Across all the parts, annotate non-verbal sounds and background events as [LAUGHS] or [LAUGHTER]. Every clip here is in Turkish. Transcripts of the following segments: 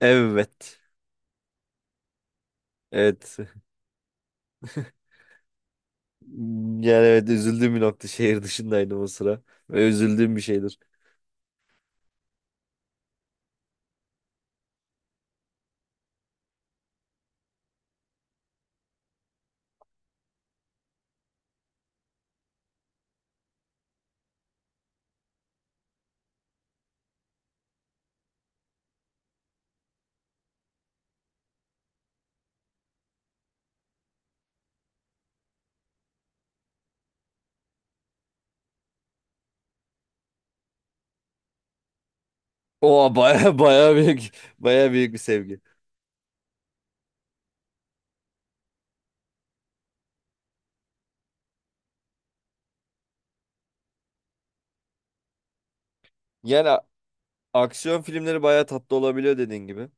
Evet. Evet. Yani evet, üzüldüğüm bir nokta. Şehir dışındaydım o sıra. Ve üzüldüğüm bir şeydir. O [LAUGHS] baya büyük baya büyük bir sevgi. Yani aksiyon filmleri baya tatlı olabiliyor dediğin gibi.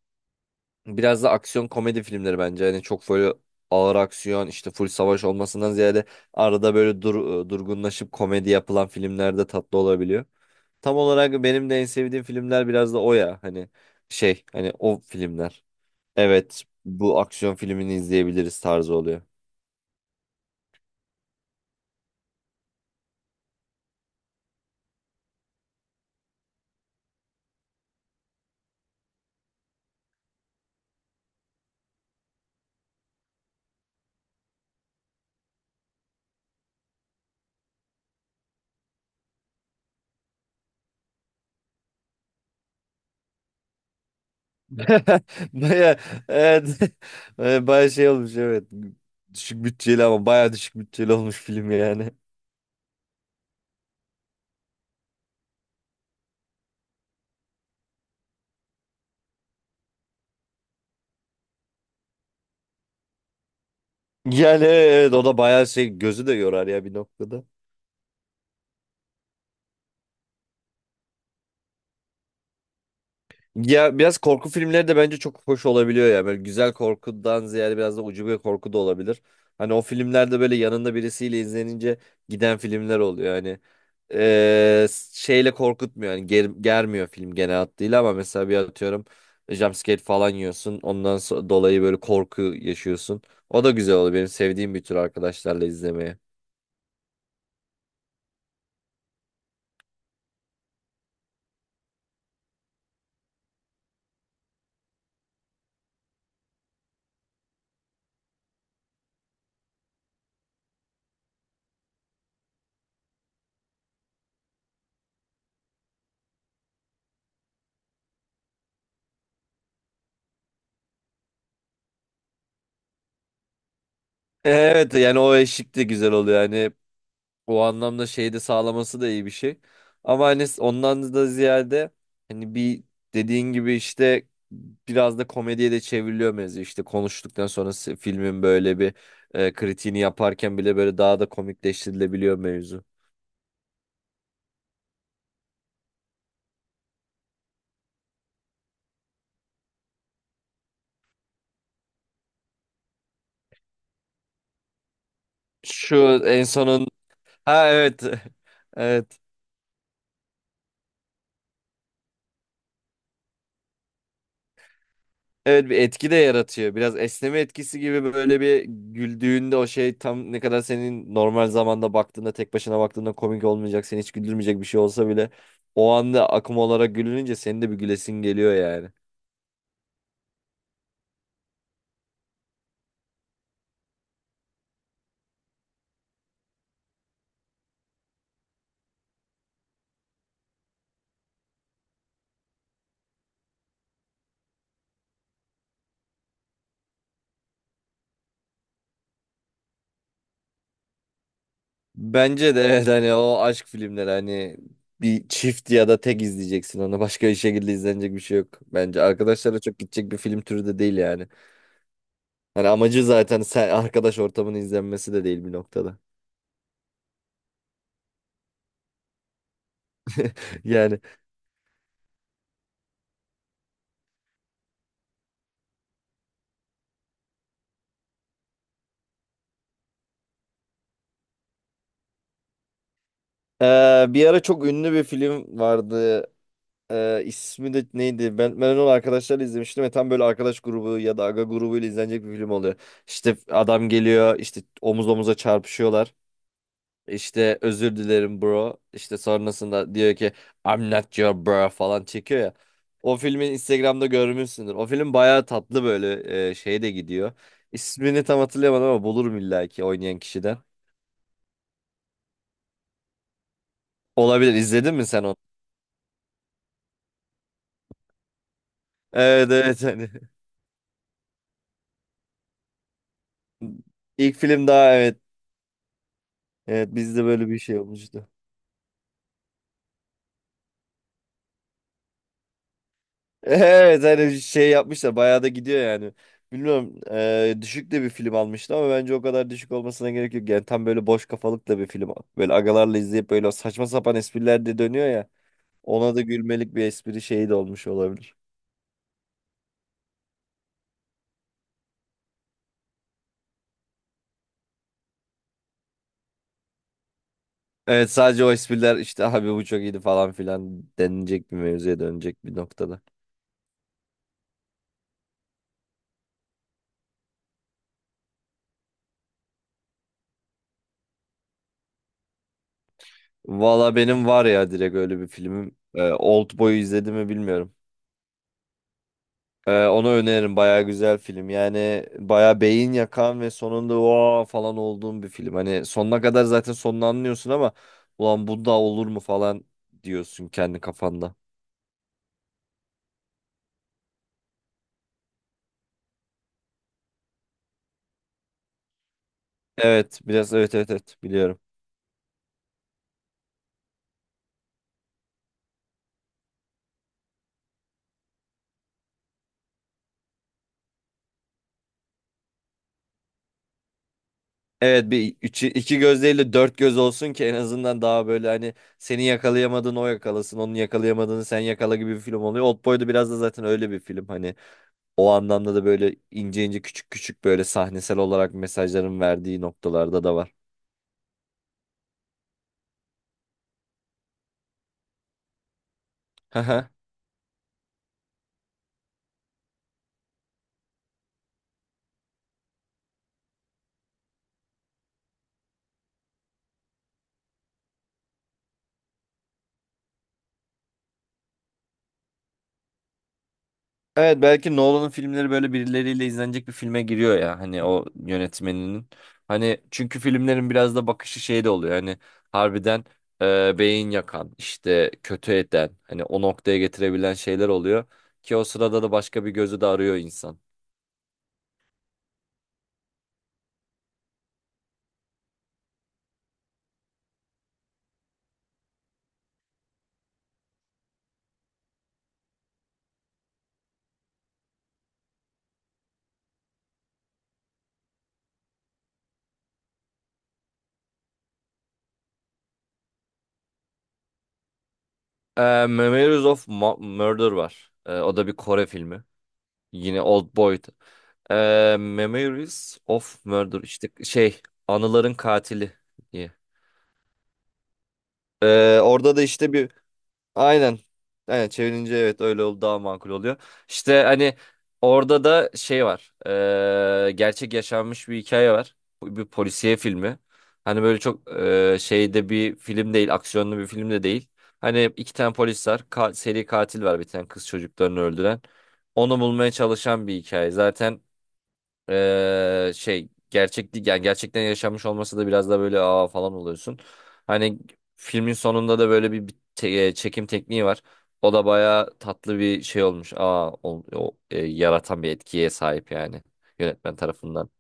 Biraz da aksiyon komedi filmleri bence. Hani çok böyle ağır aksiyon, işte full savaş olmasından ziyade arada böyle durgunlaşıp komedi yapılan filmler de tatlı olabiliyor. Tam olarak benim de en sevdiğim filmler biraz da o ya. Hani şey, hani o filmler. Evet, bu aksiyon filmini izleyebiliriz tarzı oluyor. [LAUGHS] Baya evet, [LAUGHS] baya şey olmuş evet. Düşük bütçeli, ama baya düşük bütçeli olmuş film yani. Yani evet, o da baya şey, gözü de yorar ya bir noktada. Ya biraz korku filmleri de bence çok hoş olabiliyor ya. Böyle güzel korkudan ziyade biraz da ucube korku da olabilir. Hani o filmlerde böyle yanında birisiyle izlenince giden filmler oluyor. Hani eee, şeyle korkutmuyor. Hani germiyor film genel hattıyla, ama mesela bir atıyorum, jumpscare falan yiyorsun. Dolayı böyle korku yaşıyorsun. O da güzel oluyor. Benim sevdiğim bir tür arkadaşlarla izlemeye. Evet yani o eşlik de güzel oluyor. Yani o anlamda şeyi de sağlaması da iyi bir şey. Ama hani ondan da ziyade, hani bir, dediğin gibi işte biraz da komediye de çevriliyor mevzu. İşte konuştuktan sonra filmin böyle bir, kritiğini yaparken bile böyle daha da komikleştirilebiliyor mevzu. Şu en sonun, ha evet. [LAUGHS] Evet. Evet, bir etki de yaratıyor. Biraz esneme etkisi gibi, böyle bir güldüğünde o şey, tam ne kadar senin normal zamanda baktığında, tek başına baktığında komik olmayacak, seni hiç güldürmeyecek bir şey olsa bile o anda akım olarak gülününce senin de bir gülesin geliyor yani. Bence de evet, hani o aşk filmleri, hani bir çift ya da tek izleyeceksin onu. Başka bir şekilde izlenecek bir şey yok. Bence arkadaşlarla çok gidecek bir film türü de değil yani. Hani amacı zaten sen arkadaş ortamının izlenmesi de değil bir noktada. [LAUGHS] Yani bir ara çok ünlü bir film vardı. İsmi de neydi? Ben onu arkadaşlarla izlemiştim ve tam böyle arkadaş grubu ya da aga grubuyla izlenecek bir film oluyor. İşte adam geliyor, işte omuz omuza çarpışıyorlar. İşte özür dilerim bro. İşte sonrasında diyor ki I'm not your bro falan çekiyor ya. O filmi Instagram'da görmüşsündür. O film bayağı tatlı, böyle şeye de gidiyor. İsmini tam hatırlayamadım, ama bulurum illa ki oynayan kişiden. Olabilir. İzledin mi sen onu? Evet [LAUGHS] hani. İlk film daha evet. Evet, bizde böyle bir şey olmuştu. [LAUGHS] Evet, hani şey yapmışlar, bayağı da gidiyor yani. Bilmiyorum, düşük de bir film almıştı, ama bence o kadar düşük olmasına gerek yok. Yani tam böyle boş kafalık da bir film. Böyle agalarla izleyip böyle saçma sapan espriler de dönüyor ya. Ona da gülmelik bir espri şeyi de olmuş olabilir. Evet, sadece o espriler, işte abi bu çok iyiydi falan filan denilecek bir mevzuya dönecek bir noktada. Valla benim var ya, direkt öyle bir filmim. E, Oldboy'u izledim mi bilmiyorum. Onu öneririm. Baya güzel film. Yani baya beyin yakan ve sonunda o falan olduğum bir film. Hani sonuna kadar zaten sonunu anlıyorsun, ama ulan bu da olur mu falan diyorsun kendi kafanda. Evet biraz, evet biliyorum. Evet bir üçü, iki göz değil de dört göz olsun ki en azından daha böyle, hani seni yakalayamadığını o yakalasın. Onun yakalayamadığını sen yakala gibi bir film oluyor. Oldboy da biraz da zaten öyle bir film. Hani o anlamda da böyle ince ince küçük küçük böyle sahnesel olarak mesajların verdiği noktalarda da var. Hı hı. Evet, belki Nolan'ın filmleri böyle birileriyle izlenecek bir filme giriyor ya, hani o yönetmeninin. Hani çünkü filmlerin biraz da bakışı şey de oluyor, hani harbiden beyin yakan, işte kötü eden, hani o noktaya getirebilen şeyler oluyor. Ki o sırada da başka bir gözü de arıyor insan. E, Memories of Murder var. E, o da bir Kore filmi. Yine Old Boy'du. E, Memories of Murder, işte şey, anıların katili diye. E, orada da işte bir. Aynen. Aynen, çevirince evet öyle oldu, daha makul oluyor. İşte hani orada da şey var. Gerçek yaşanmış bir hikaye var. Bu bir polisiye filmi. Hani böyle çok şeyde bir film değil, aksiyonlu bir film de değil. Hani iki tane polis var, seri katil var bir tane, kız çocuklarını öldüren. Onu bulmaya çalışan bir hikaye. Zaten şey gerçek değil yani, gerçekten yaşanmış olması da biraz da böyle aa falan oluyorsun. Hani filmin sonunda da böyle bir çekim tekniği var. O da bayağı tatlı bir şey olmuş. Aa yaratan bir etkiye sahip yani yönetmen tarafından.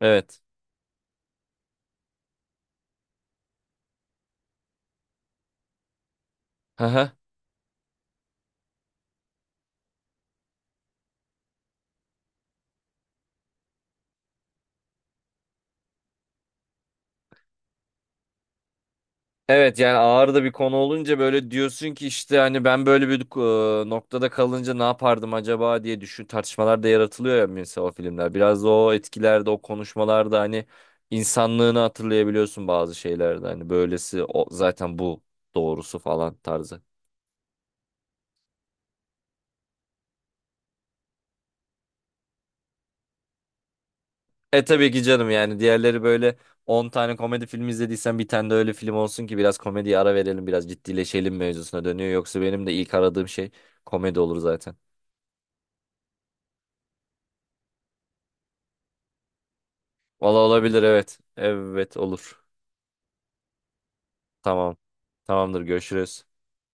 Evet. [LAUGHS] Evet yani, ağır da bir konu olunca böyle diyorsun ki, işte hani ben böyle bir, noktada kalınca ne yapardım acaba diye düşün, tartışmalar da yaratılıyor ya mesela o filmler. Biraz da o etkilerde, o konuşmalarda hani insanlığını hatırlayabiliyorsun bazı şeylerde, hani böylesi o, zaten bu doğrusu falan tarzı. E tabii ki canım, yani diğerleri böyle, 10 tane komedi film izlediysen bir tane de öyle film olsun ki biraz komediye ara verelim, biraz ciddileşelim mevzusuna dönüyor. Yoksa benim de ilk aradığım şey komedi olur zaten. Valla olabilir, evet. Evet olur. Tamam. Tamamdır, görüşürüz.